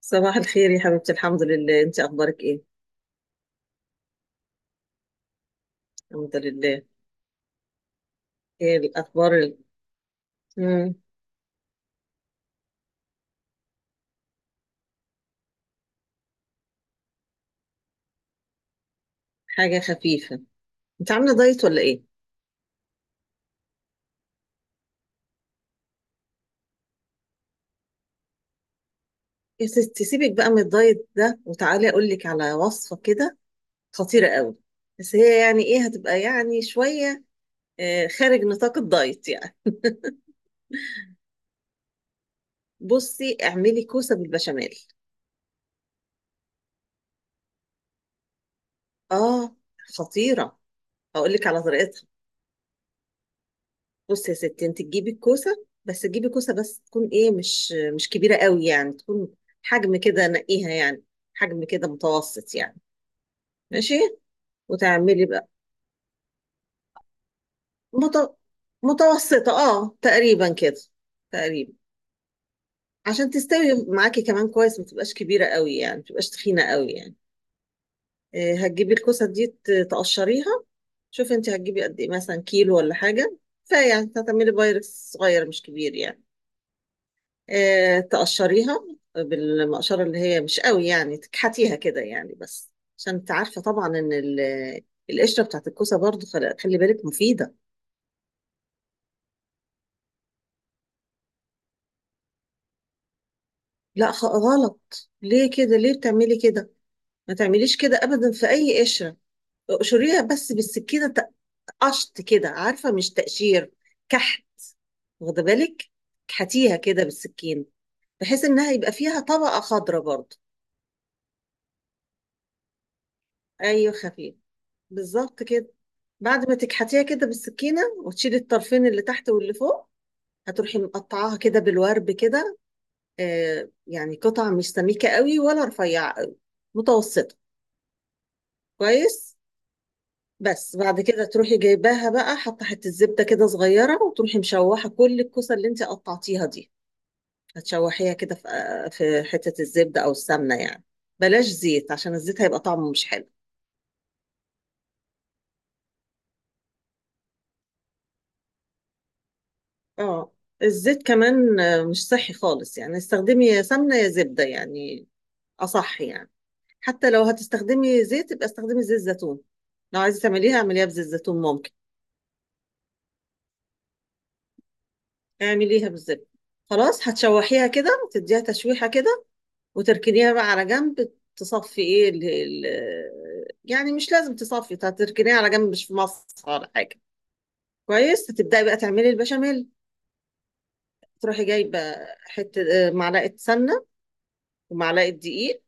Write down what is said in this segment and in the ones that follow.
صباح الخير يا حبيبتي، الحمد لله. انت اخبارك ايه؟ الحمد لله. ايه الاخبار مم. حاجه خفيفه. انت عامله دايت ولا ايه؟ يا ستي سيبك بقى من الدايت ده وتعالي اقول لك على وصفه كده. خطيره قوي. بس هي يعني ايه، هتبقى يعني شويه، خارج نطاق الدايت يعني. بصي اعملي كوسه بالبشاميل. اه، خطيره. هقول لك على طريقتها. بصي يا ستي، انت تجيبي الكوسه، بس تجيبي كوسه بس تكون ايه، مش كبيره قوي يعني، تكون حجم كده، نقيها يعني حجم كده متوسط يعني. ماشي. وتعملي بقى. مت... متوسطه اه تقريبا كده، تقريبا. عشان تستوي معاكي كمان كويس، ما تبقاش كبيره قوي يعني، ما تبقاش تخينه قوي يعني. اه، هتجيبي الكوسه دي تقشريها. شوفي انت هتجيبي قد ايه، مثلا كيلو ولا حاجه. فيعني هتعملي بايركس صغير مش كبير يعني. تقشريها بالمقشرة، اللي هي مش قوي يعني، تكحتيها كده يعني بس. عشان انت عارفة طبعا ان القشرة بتاعت الكوسة برضو، خلي بالك، مفيدة. لا، غلط. ليه كده؟ ليه بتعملي كده؟ ما تعمليش كده ابدا في اي قشرة. اقشريها بس بالسكينة، قشط كده، عارفة، مش تقشير، كحت. واخدة بالك؟ كحتيها كده بالسكينة، بحيث انها يبقى فيها طبقة خضراء برضو. ايوه، خفيف، بالظبط كده. بعد ما تكحتيها كده بالسكينة، وتشيلي الطرفين اللي تحت واللي فوق، هتروحي مقطعاها كده بالورب كده. آه، يعني قطع مش سميكة قوي ولا رفيعة قوي، متوسطة. كويس. بس بعد كده تروحي جايباها بقى، حاطة حتة زبدة كده صغيرة، وتروحي مشوحة كل الكوسة اللي انت قطعتيها دي. هتشوحيها كده في في حتة الزبدة أو السمنة يعني. بلاش زيت، عشان الزيت هيبقى طعمه مش حلو. اه، الزيت كمان مش صحي خالص يعني. استخدمي يا سمنة يا زبدة يعني، اصح يعني. حتى لو هتستخدمي زيت يبقى استخدمي زيت زيتون. لو عايزه تعمليها اعمليها بزيت زيتون، ممكن. اعمليها بالزبده. خلاص، هتشوحيها كده، تديها تشويحه كده، وتركنيها بقى على جنب، تصفي ايه ال ال يعني مش لازم تصفي، هتركنيها على جنب، مش في مصر ولا حاجه. كويس. هتبداي بقى تعملي البشاميل. تروحي جايبه حته معلقه سمنه ومعلقه دقيق.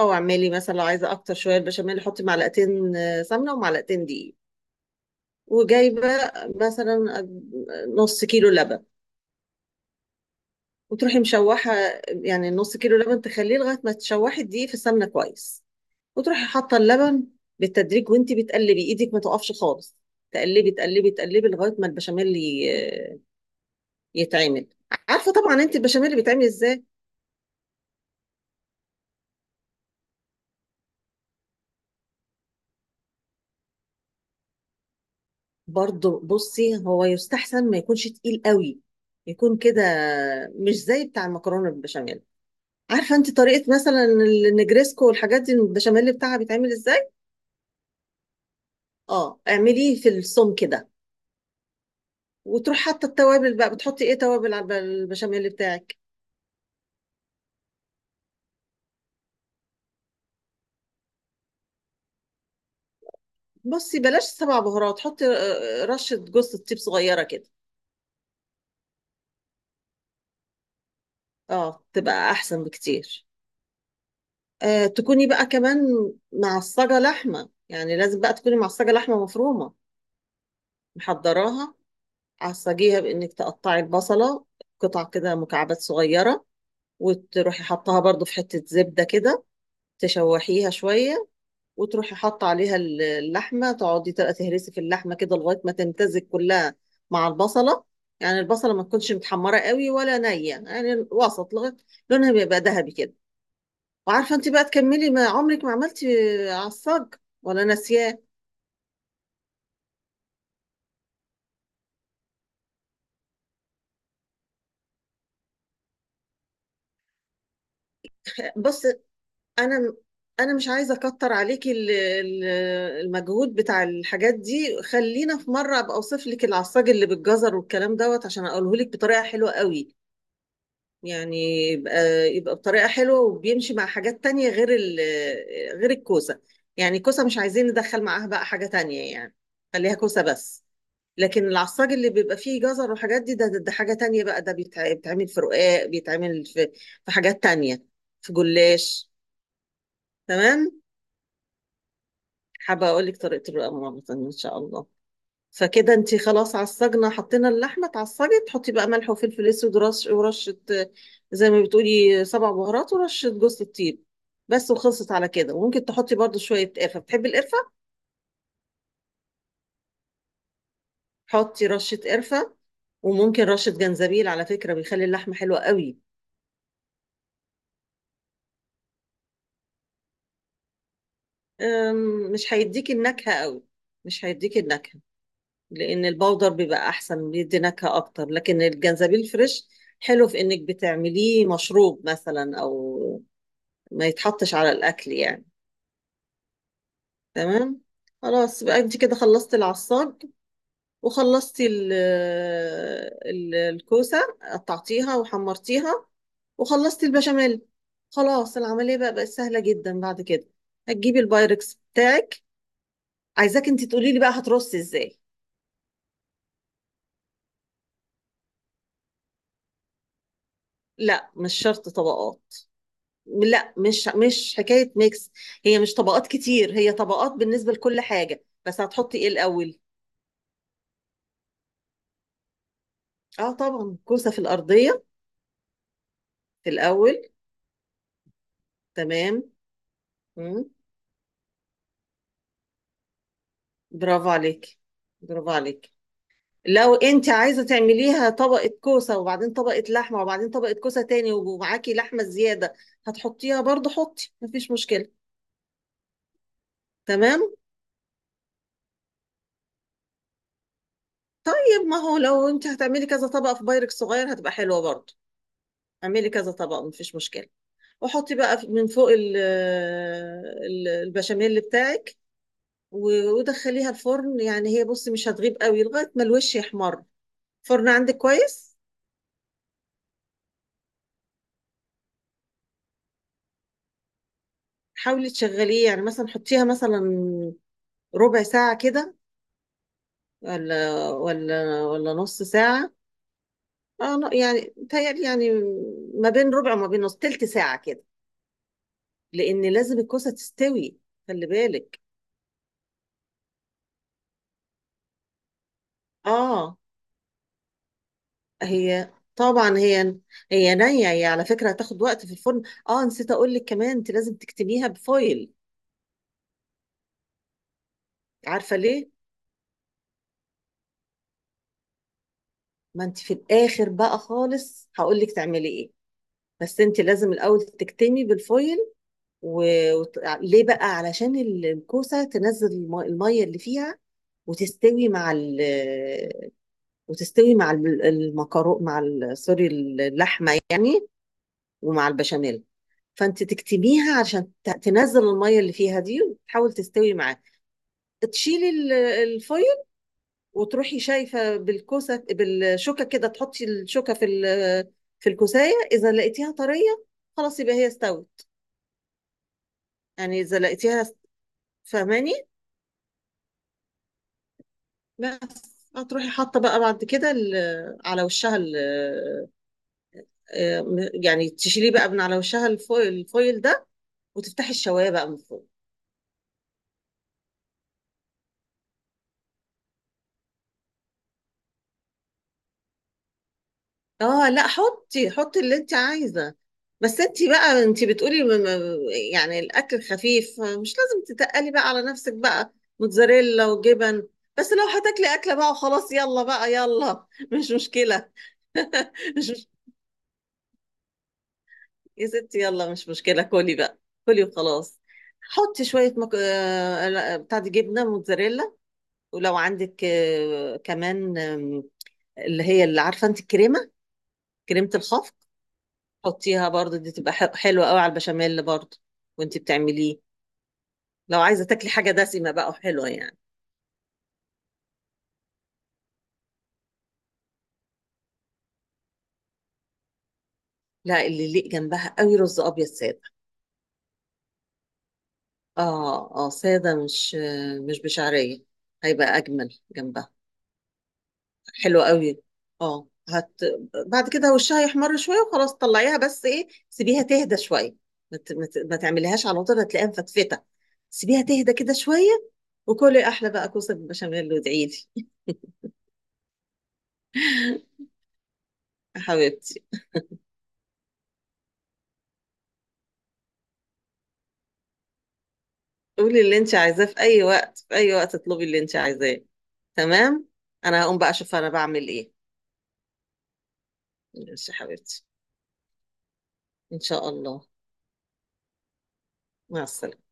او اعملي مثلا، لو عايزه اكتر شويه البشاميل، حطي معلقتين سمنه ومعلقتين دقيق. وجايبه مثلا نص كيلو لبن. وتروحي مشوحه. يعني نص كيلو لبن تخليه لغايه ما تشوحي الدقيق في السمنه كويس، وتروحي حاطه اللبن بالتدريج وانت بتقلبي، ايدك ما تقفش خالص. تقلبي تقلبي تقلبي لغايه ما البشاميل يتعمل. عارفه طبعا انت البشاميل بيتعمل ازاي. برضه بصي، هو يستحسن ما يكونش تقيل قوي، يكون كده مش زي بتاع المكرونه بالبشاميل. عارفه انت طريقه مثلا النجريسكو والحاجات دي البشاميل بتاعها بيتعمل ازاي. اه، اعمليه في الصوم كده. وتروح حاطه التوابل بقى. بتحطي ايه توابل على البشاميل بتاعك؟ بصي، بلاش سبع بهارات. حطي رشه جوز الطيب صغيره كده. اه، تبقى احسن بكتير. آه، تكوني بقى كمان معصجه لحمه، يعني لازم بقى تكوني معصجه لحمه مفرومه، محضراها. عصجيها بانك تقطعي البصله قطع كده مكعبات صغيره، وتروحي حطها برضو في حته زبده كده، تشوحيها شويه، وتروحي حاطه عليها اللحمه، تقعدي تبقى تهرسي في اللحمه كده لغايه ما تمتزج كلها مع البصله. يعني البصله ما تكونش متحمره قوي ولا نيه يعني، وسط، لغايه لونها بيبقى ذهبي كده. وعارفه انت بقى تكملي. ما عمرك ما عملتي عصاج ولا ناسياه؟ بص. انا انا مش عايزه اكتر عليكي المجهود بتاع الحاجات دي. خلينا في مره ابقى اوصف لك العصاج اللي بالجزر والكلام دوت، عشان اقوله لك بطريقه حلوه قوي. يعني يبقى، بطريقة حلوة، وبيمشي مع حاجات تانية غير الكوسة. يعني الكوسة مش عايزين ندخل معاها بقى حاجة تانية يعني، خليها كوسة بس. لكن العصاج اللي بيبقى فيه جزر وحاجات دي، ده حاجة تانية بقى. ده بيتعمل في رقاق، بيتعمل في حاجات تانية، في جلاش. تمام. حابة أقول لك طريقة الرقاق مرة تانية إن شاء الله. فكده انت خلاص عالصجنة، حطينا اللحمة اتعصجت، تحطي بقى ملح وفلفل اسود ورش، ورشة زي ما بتقولي سبع بهارات ورشة جوز الطيب بس، وخلصت على كده. وممكن تحطي برضو شوية قرفة، بتحبي القرفة؟ حطي رشة قرفة. وممكن رشة جنزبيل، على فكرة بيخلي اللحمة حلوة قوي. مش هيديكي النكهة قوي، مش هيديكي النكهة. لأن البودر بيبقى أحسن، بيدي نكهة أكتر، لكن الجنزبيل فريش حلو في إنك بتعمليه مشروب مثلا، أو ما يتحطش على الأكل يعني. تمام. خلاص بقى انت كده خلصتي العصاج، وخلصتي الكوسة، قطعتيها وحمرتيها، وخلصتي البشاميل. خلاص العملية بقى بقت سهلة جدا بعد كده. هتجيبي البايركس بتاعك. عايزاك انت تقولي لي بقى هترصي ازاي. لا، مش شرط طبقات. لا، مش حكاية ميكس. هي مش طبقات كتير، هي طبقات بالنسبة لكل حاجة. بس هتحطي ايه الأول؟ اه طبعا، كوسة في الأرضية في الأول. تمام. مم. برافو عليك، برافو عليك. لو انت عايزه تعمليها طبقه كوسه وبعدين طبقه لحمه وبعدين طبقه كوسه تاني ومعاكي لحمه زياده، هتحطيها برضو، حطي، مفيش مشكله. تمام. طيب، ما هو لو انت هتعملي كذا طبقه في بايركس صغير هتبقى حلوه برضو. اعملي كذا طبقه، مفيش مشكله. وحطي بقى من فوق البشاميل بتاعك. ودخليها الفرن. يعني هي، بصي، مش هتغيب قوي لغايه ما الوش يحمر. فرن عندك كويس؟ حاولي تشغليه، يعني مثلا حطيها مثلا ربع ساعة كده، ولا نص ساعة. اه لا، يعني متهيألي يعني ما بين ربع وما بين نص تلت ساعة كده، لأن لازم الكوسة تستوي. خلي بالك. اه، هي طبعا هي نية. هي على فكرة هتاخد وقت في الفرن. اه، نسيت أقول لك كمان، أنت لازم تكتميها بفويل. عارفة ليه؟ ما أنت في الآخر بقى خالص هقول لك تعملي إيه، بس أنت لازم الأول تكتمي بالفويل. و... ليه بقى؟ علشان الكوسة تنزل المية اللي فيها، وتستوي مع ال... وتستوي مع الم- المكرو مع ال... سوري، اللحمة يعني، ومع البشاميل. فانت تكتميها عشان تنزل المية اللي فيها دي، وتحاول تستوي معاها. تشيلي الفويل، وتروحي شايفة بالكوسة بالشوكة كده، تحطي الشوكة في في الكوساية، إذا لقيتيها طرية خلاص يبقى هي استوت. يعني إذا لقيتيها، فاهماني؟ بس هتروحي حاطه بقى بعد كده على وشها آه، يعني تشيليه بقى من على وشها الفويل، ده. وتفتحي الشوايه بقى من فوق. اه لا، حطي، حطي اللي انت عايزه. بس انت بقى، انت بتقولي يعني الاكل خفيف، مش لازم تتقلي بقى على نفسك بقى موتزاريلا وجبن. بس لو هتاكلي اكله بقى وخلاص، يلا بقى يلا، مش مشكله. مش، يا ستي يلا مش مشكلة، كلي بقى، كلي وخلاص. حطي شوية مك... آه، لا، بتاع، دي جبنة موتزاريلا. ولو عندك كمان اللي هي اللي عارفة انت الكريمة، كريمة الخفق، حطيها برضو. دي تبقى حلوة قوي على البشاميل برضو وانت بتعمليه، لو عايزة تاكلي حاجة دسمة بقى وحلوة يعني. لا، اللي يليق جنبها قوي رز أبيض سادة. اه اه، سادة، مش مش بشعرية، هيبقى أجمل جنبها. حلو قوي. اه، بعد كده وشها يحمر شويه وخلاص طلعيها، بس ايه، سيبيها تهدى شويه. ما تعمليهاش على طول، هتلاقيها مفتفته. سيبيها تهدى كده شويه. وكلي احلى بقى كوسه بالبشاميل، وادعي لي. يا حبيبتي. قولي اللي انت عايزاه في اي وقت، في اي وقت اطلبي اللي انت عايزاه. تمام. انا هقوم بقى اشوف انا بعمل ايه. ماشي يا حبيبتي، ان شاء الله. مع السلامه.